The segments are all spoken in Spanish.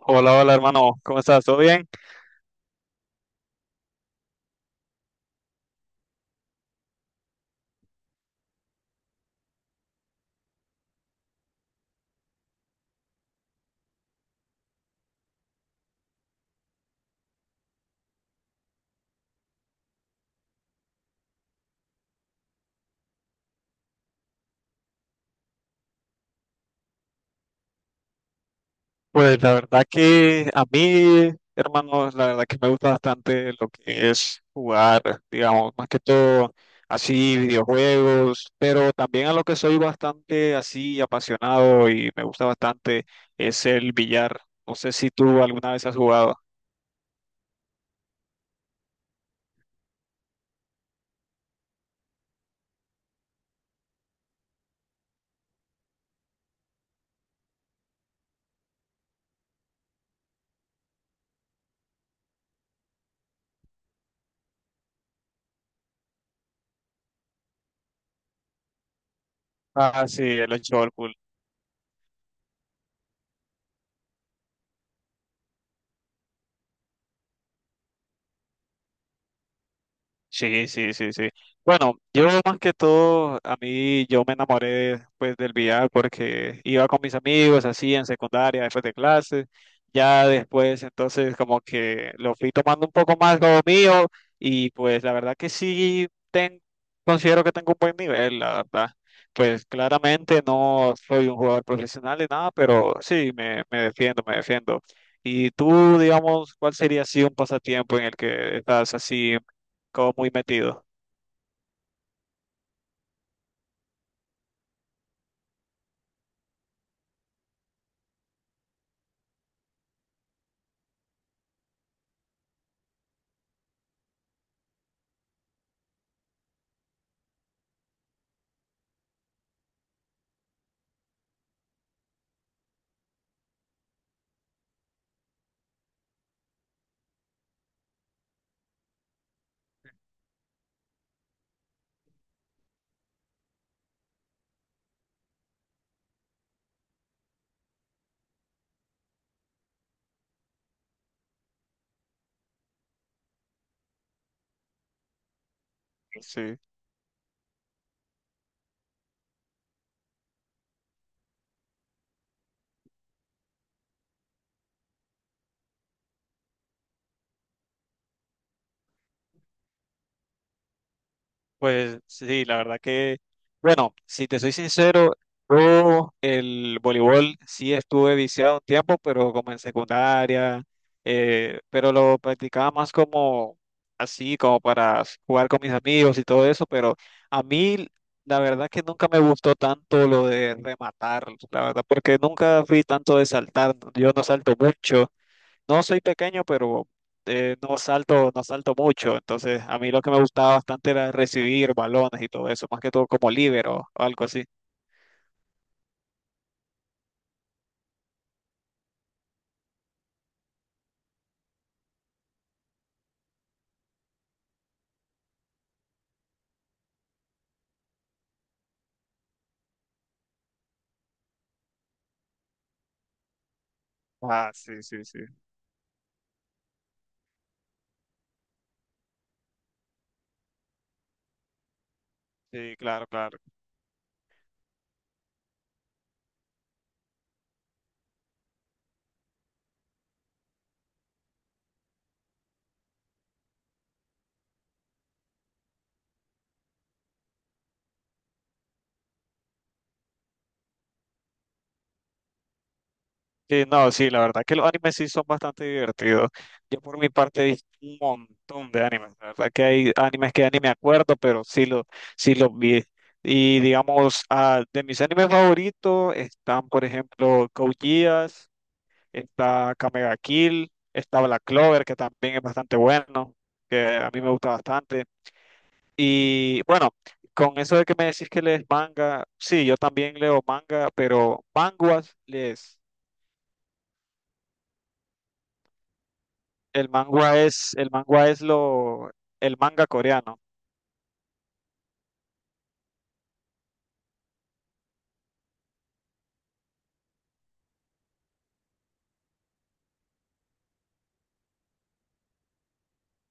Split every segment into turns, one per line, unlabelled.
Hola, hola hermano, ¿cómo estás? ¿Todo bien? Pues la verdad que a mí, hermanos, la verdad que me gusta bastante lo que es jugar, digamos, más que todo así videojuegos, pero también a lo que soy bastante así apasionado y me gusta bastante es el billar. No sé si tú alguna vez has jugado. Ah, sí, el ocho. Sí, sí, sí, sí. Bueno, yo más que todo, a mí yo me enamoré pues del VR porque iba con mis amigos así en secundaria, después de clases, ya después entonces como que lo fui tomando un poco más como mío y pues la verdad que considero que tengo un buen nivel, la verdad. Pues claramente no soy un jugador profesional ni nada, pero sí, me defiendo, me defiendo. Y tú, digamos, ¿cuál sería así un pasatiempo en el que estás así como muy metido? Sí. Pues sí, la verdad que, bueno, si te soy sincero, yo el voleibol sí estuve viciado un tiempo, pero como en secundaria, pero lo practicaba más como así, como para jugar con mis amigos y todo eso, pero a mí la verdad que nunca me gustó tanto lo de rematar, la verdad, porque nunca fui tanto de saltar, yo no salto mucho. No soy pequeño, pero no salto, no salto mucho. Entonces, a mí lo que me gustaba bastante era recibir balones y todo eso, más que todo como líbero o algo así. Ah, sí, sí, sí. Sí, claro, claro. Sí, no, sí, la verdad que los animes sí son bastante divertidos. Yo por mi parte he visto un montón de animes. La verdad que hay animes que ya ni me acuerdo, pero sí los vi. Y digamos, ah, de mis animes favoritos están, por ejemplo, Code Geass, está Kamega Kill, está Black Clover, que también es bastante bueno, que a mí me gusta bastante. Y bueno, con eso de que me decís que lees manga, sí, yo también leo manga, pero manguas lees. El manga es lo, el manga coreano.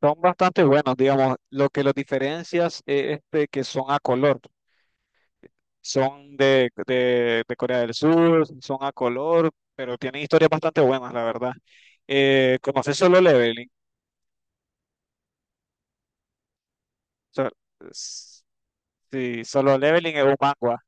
Son bastante buenos, digamos. Lo que los diferencias es este, que son a color. Son de Corea del Sur, son a color, pero tienen historias bastante buenas, la verdad. ¿Conoces Solo Leveling? So- s- sí, Solo Leveling es un manga.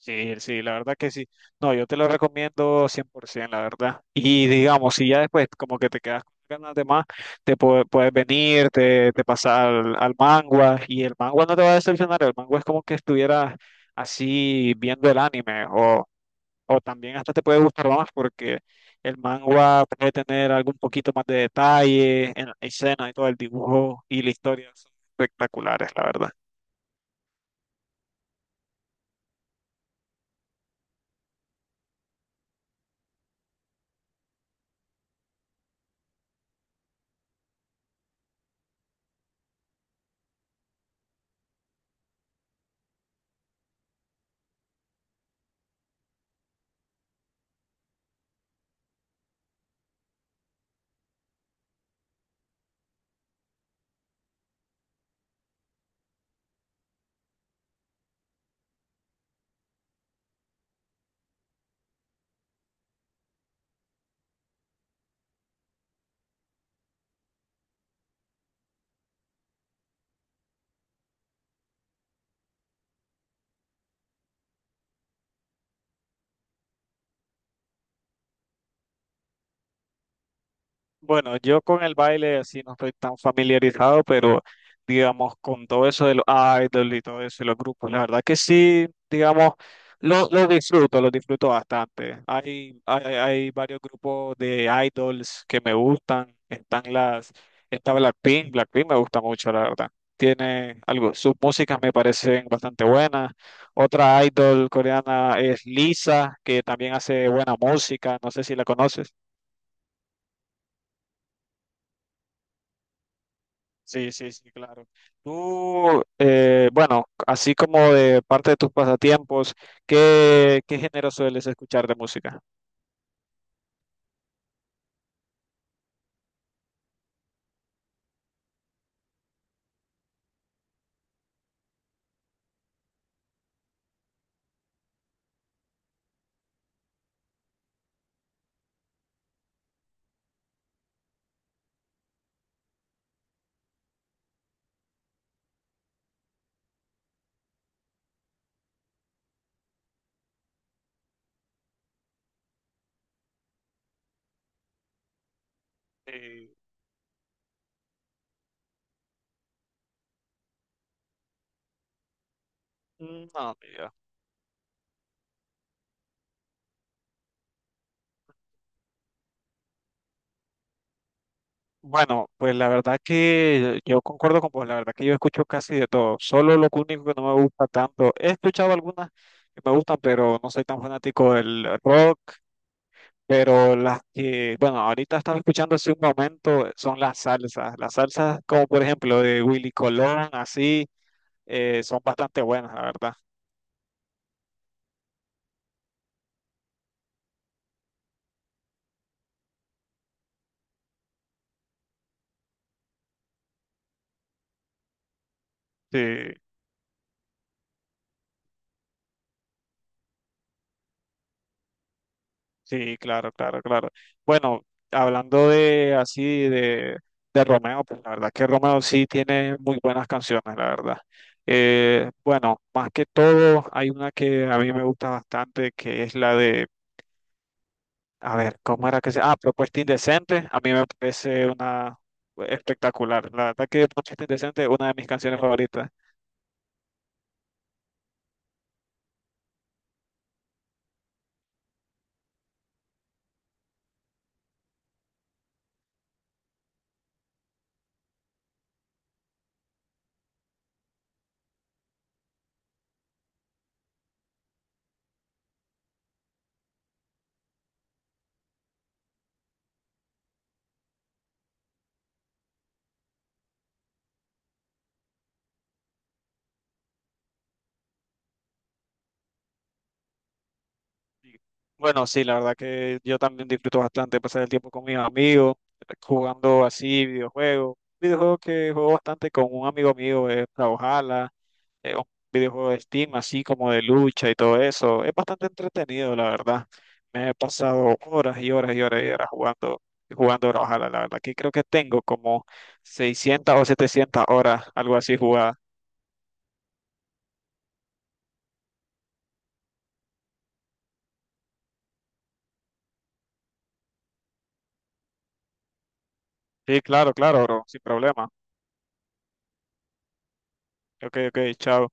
Sí, sí, la verdad que sí. No, yo te lo recomiendo 100%, la verdad. Y digamos, si ya después como que te quedas con ganas de más, puedes venir, te pasas al manga y el manga no te va a decepcionar. El manga es como que estuvieras así viendo el anime o también hasta te puede gustar más porque el manga puede tener algún poquito más de detalle en la escena y todo el dibujo y la historia son espectaculares, la verdad. Bueno, yo con el baile así no estoy tan familiarizado, pero digamos con todo eso de los idols y todo eso y los grupos, la verdad que sí, digamos, lo disfruto bastante. Hay varios grupos de idols que me gustan, está Blackpink, Blackpink me gusta mucho, la verdad. Tiene algo, sus músicas me parecen bastante buenas. Otra idol coreana es Lisa, que también hace buena música, no sé si la conoces. Sí, sí, sí, claro. Tú, bueno, así como de parte de tus pasatiempos, qué género sueles escuchar de música? Eh, no, mira. Bueno, pues la verdad que yo concuerdo con vos, la verdad que yo escucho casi de todo. Solo lo único que no me gusta tanto, he escuchado algunas que me gustan, pero no soy tan fanático del rock, pero las que, bueno, ahorita estaba escuchando hace un momento son las salsas como por ejemplo de Willy Colón, así. Son bastante buenas, la verdad. Sí, sí, claro, claro, claro. Bueno, hablando de así de, de Romeo, pues la verdad que Romeo sí tiene muy buenas canciones, la verdad. Bueno, más que todo, hay una que a mí me gusta bastante, que es la de, a ver, ¿cómo era que se? Ah, Propuesta Indecente. A mí me parece una espectacular. La verdad que Propuesta Indecente es una de mis canciones favoritas. Sí. Bueno, sí, la verdad que yo también disfruto bastante pasar el tiempo con mis amigos, jugando así videojuegos. Videojuego que juego bastante con un amigo mío es Brawlhalla, es un videojuego de Steam, así como de lucha y todo eso. Es bastante entretenido, la verdad. Me he pasado horas y horas y horas y horas jugando, jugando Brawlhalla, la verdad que creo que tengo como 600 o 700 horas, algo así jugada. Sí, claro, claro, bro, sin problema. Ok, ok, chao.